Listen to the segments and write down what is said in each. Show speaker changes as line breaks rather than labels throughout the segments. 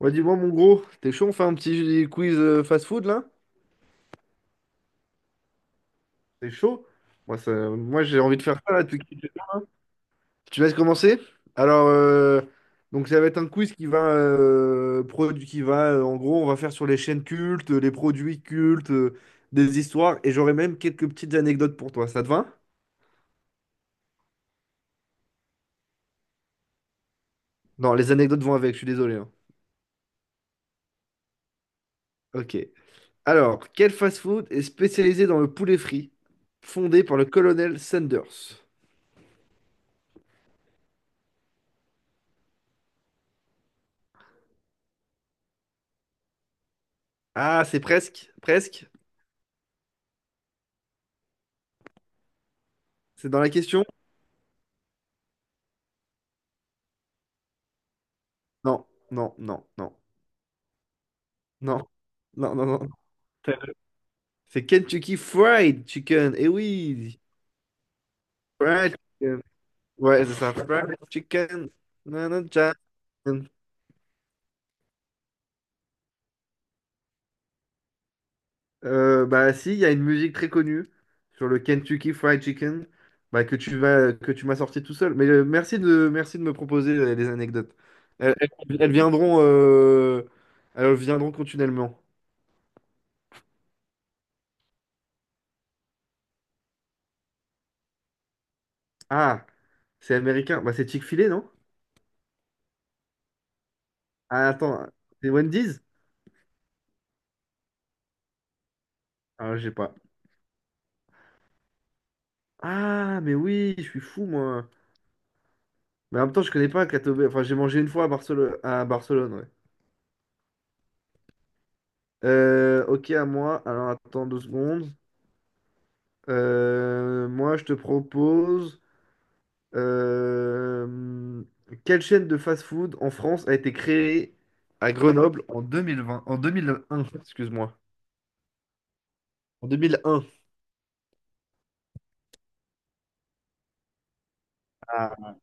Ouais, dis-moi, mon gros, t'es chaud, on fait un petit quiz fast-food là? T'es chaud? Moi, ça, moi j'ai envie de faire ça là. Tu laisses commencer? Alors, donc ça va être un quiz qui va, en gros, on va faire sur les chaînes cultes, les produits cultes, des histoires, et j'aurai même quelques petites anecdotes pour toi. Ça te va? Non, les anecdotes vont avec, je suis désolé, hein. Ok. Alors, quel fast-food est spécialisé dans le poulet frit, fondé par le colonel Sanders? Ah, c'est presque, presque. C'est dans la question. Non, non, non, non, non, non, non, non. C'est Kentucky Fried Chicken. Eh oui, Fried Chicken. Ouais, c'est ça. Fried Chicken. Nanana chicken. Bah si, il y a une musique très connue sur le Kentucky Fried Chicken, bah, que tu m'as sorti tout seul. Mais merci de, me proposer des anecdotes. Elles, elles- elles viendront, euh, elles viendront continuellement. Ah, c'est américain. Bah c'est Chick-fil-A, non? Ah, attends, c'est Wendy's? Ah, je sais pas. Ah, mais oui, je suis fou, moi. Mais en même temps, je connais pas Katobe. Enfin, j'ai mangé une fois à Barcelone, ouais. Ok, à moi. Alors, attends 2 secondes. Moi, je te propose, euh, quelle chaîne de fast-food en France a été créée à Grenoble en 2020, en 2001, excuse-moi. En 2001. Ah,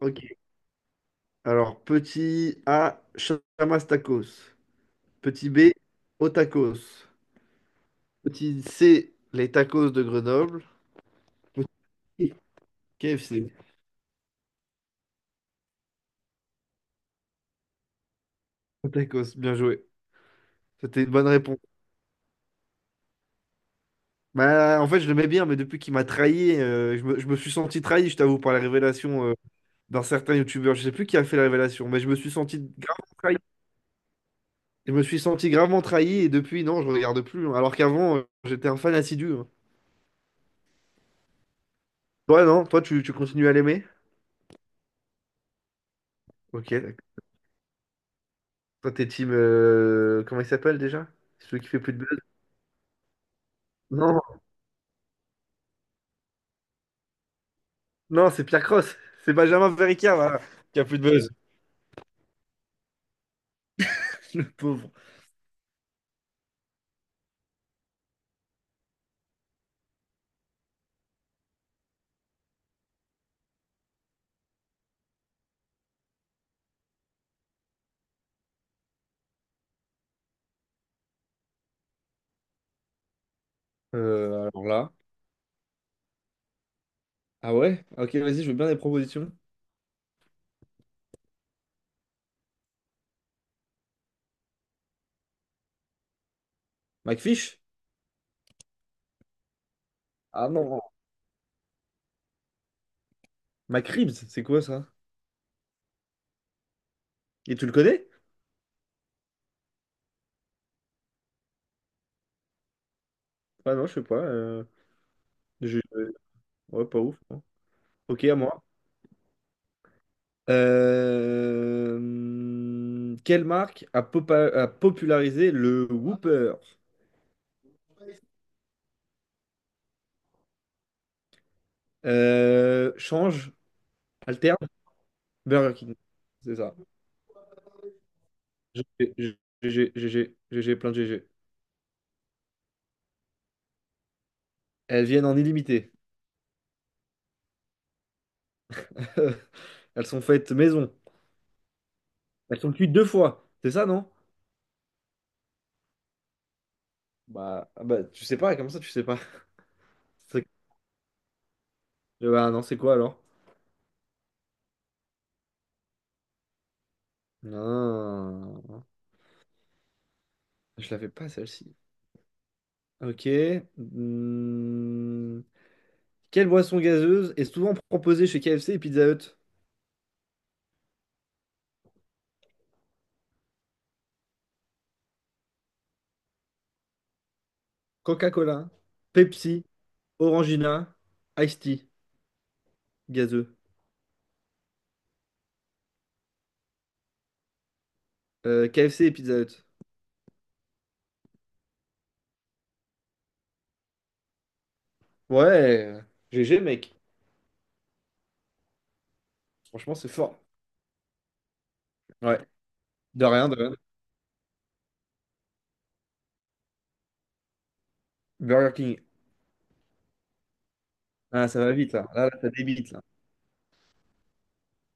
ok. Alors, petit A, Chamas Tacos. Petit B, Otacos. Petit C, les tacos de Grenoble. Petit KFC. Tacos, bien joué. C'était une bonne réponse. Bah, en fait, je l'aimais bien, mais depuis qu'il m'a trahi, je me suis senti trahi, je t'avoue, par la révélation d'un certain youtubeur. Je sais plus qui a fait la révélation, mais je me suis senti gravement trahi. Je me suis senti gravement trahi et depuis, non, je regarde plus, hein. Alors qu'avant, j'étais un fan assidu, hein. Toi, non? Toi, tu continues à l'aimer? Ok, d'accord. Toi, t'es team, comment il s'appelle déjà? Celui qui fait plus de buzz? Non, non, c'est Pierre Cross. C'est Benjamin Verica, voilà, qui a plus de buzz. Le pauvre. Alors là. Ah ouais? Ok, vas-y, je veux bien des propositions. McFish? Ah non. McRibs, c'est quoi ça? Et tu le connais? Ah non, je sais pas. Je- euh, Ouais, pas ouf, non. Ok, à moi. Quelle marque a popularisé le Whopper? Change, alterne, Burger King. C'est ça. GG, GG, GG, GG, plein de GG. Elles viennent en illimité. Elles sont faites maison. Elles sont cuites deux fois. C'est ça, non? Bah, ah bah, tu sais pas, comme ça, tu sais pas. C'est- Bah, non, c'est quoi alors? Non, je l'avais pas celle-ci. Ok. Hmm. Quelle boisson gazeuse est souvent proposée chez KFC et Pizza Hut? Coca-Cola, Pepsi, Orangina, Ice Tea, gazeux. KFC et Pizza Hut. Ouais, GG, mec. Franchement, c'est fort. Ouais, de rien, de rien. Burger King. Ah, ça va vite, là. Là, là, ça débite, là.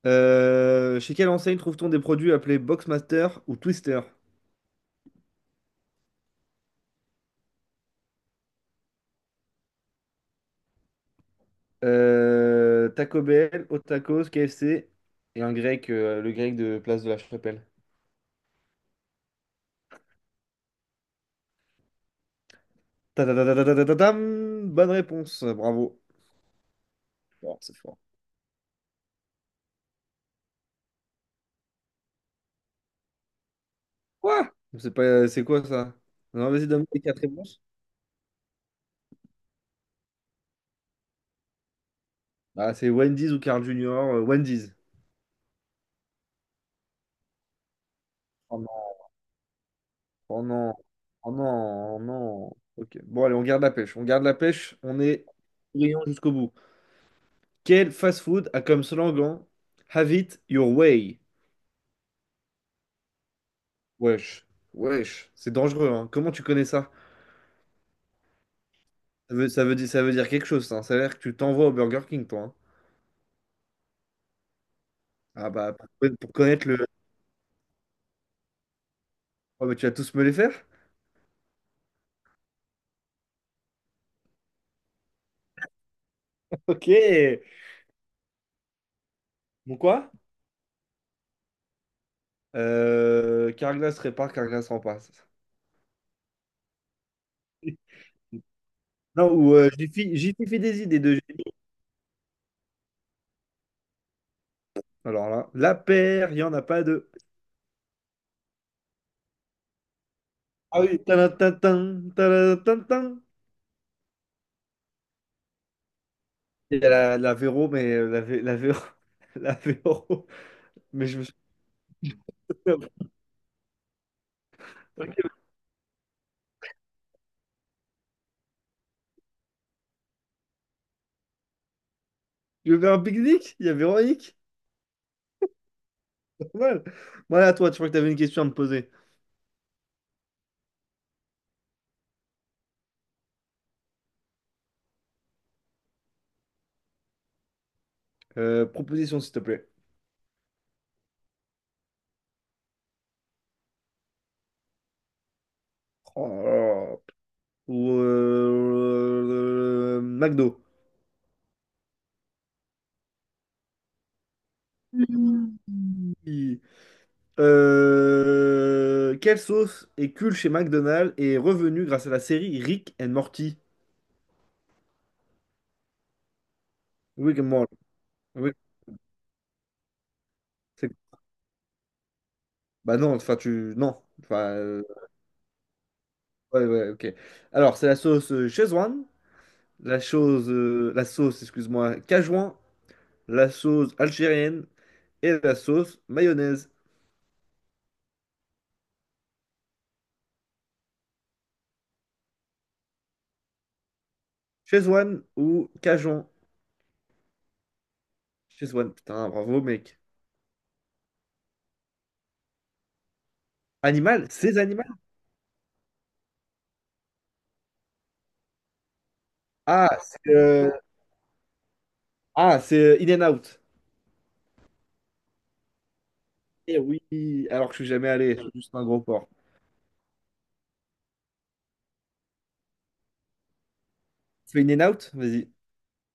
Chez quelle enseigne trouve-t-on des produits appelés Boxmaster ou Twister? Taco Bell, Otakos, KFC et un grec, le grec de Place de la Chapelle. Ta-ta-ta-ta-ta-ta-ta-tam. Bonne réponse, bravo. Fort, c'est fort. Quoi? C'est pas, c'est quoi ça? Non, vas-y, donne-moi les quatre réponses. Ah, c'est Wendy's ou Carl Junior? Wendy's. Oh non, oh non, oh non, oh non. Ok, bon, allez, on garde la pêche, on garde la pêche, on est brillant jusqu'au bout. Quel fast-food a comme slogan Have it your way? Wesh, wesh, c'est dangereux, hein. Comment tu connais ça? Ça veut, ça veut dire quelque chose, ça. Ça a l'air que tu t'envoies au Burger King, toi, hein. Ah bah, pour connaître le. Oh, mais tu vas tous me les faire? Ok. Bon quoi? Carglass répare, Carglass remplace. Non, ou j'y suis fait des idées de. Alors là, la paire, il n'y en a pas deux. Ah oui, tadam, tadam, tadam, tadam, tadam. Il y a la Véro, mais la Véro. La Véro. Mais je me suis. Ok. Tu veux faire un pique-nique? Il y a Véronique? Pas mal. Voilà, toi, tu crois que tu avais une question à me poser. Proposition, s'il te plaît. Oh là là. Ou McDo. Oui. Quelle sauce est cool chez McDonald's et est revenue grâce à la série Rick and Morty? Rick and Morty. Oui, cool. Bah non, enfin tu. Non. Enfin, ouais, ouais, ok. Alors, c'est la sauce Szechuan, la sauce, excuse-moi, Cajouan, la sauce algérienne et la sauce mayonnaise. Szechuan ou Cajun? Szechuan, putain, bravo mec. Animal? Ces animal? Ah, c'est In and Out. Eh oui, alors que je suis jamais allé, je suis juste un gros porc. Tu fais In and Out? Vas-y.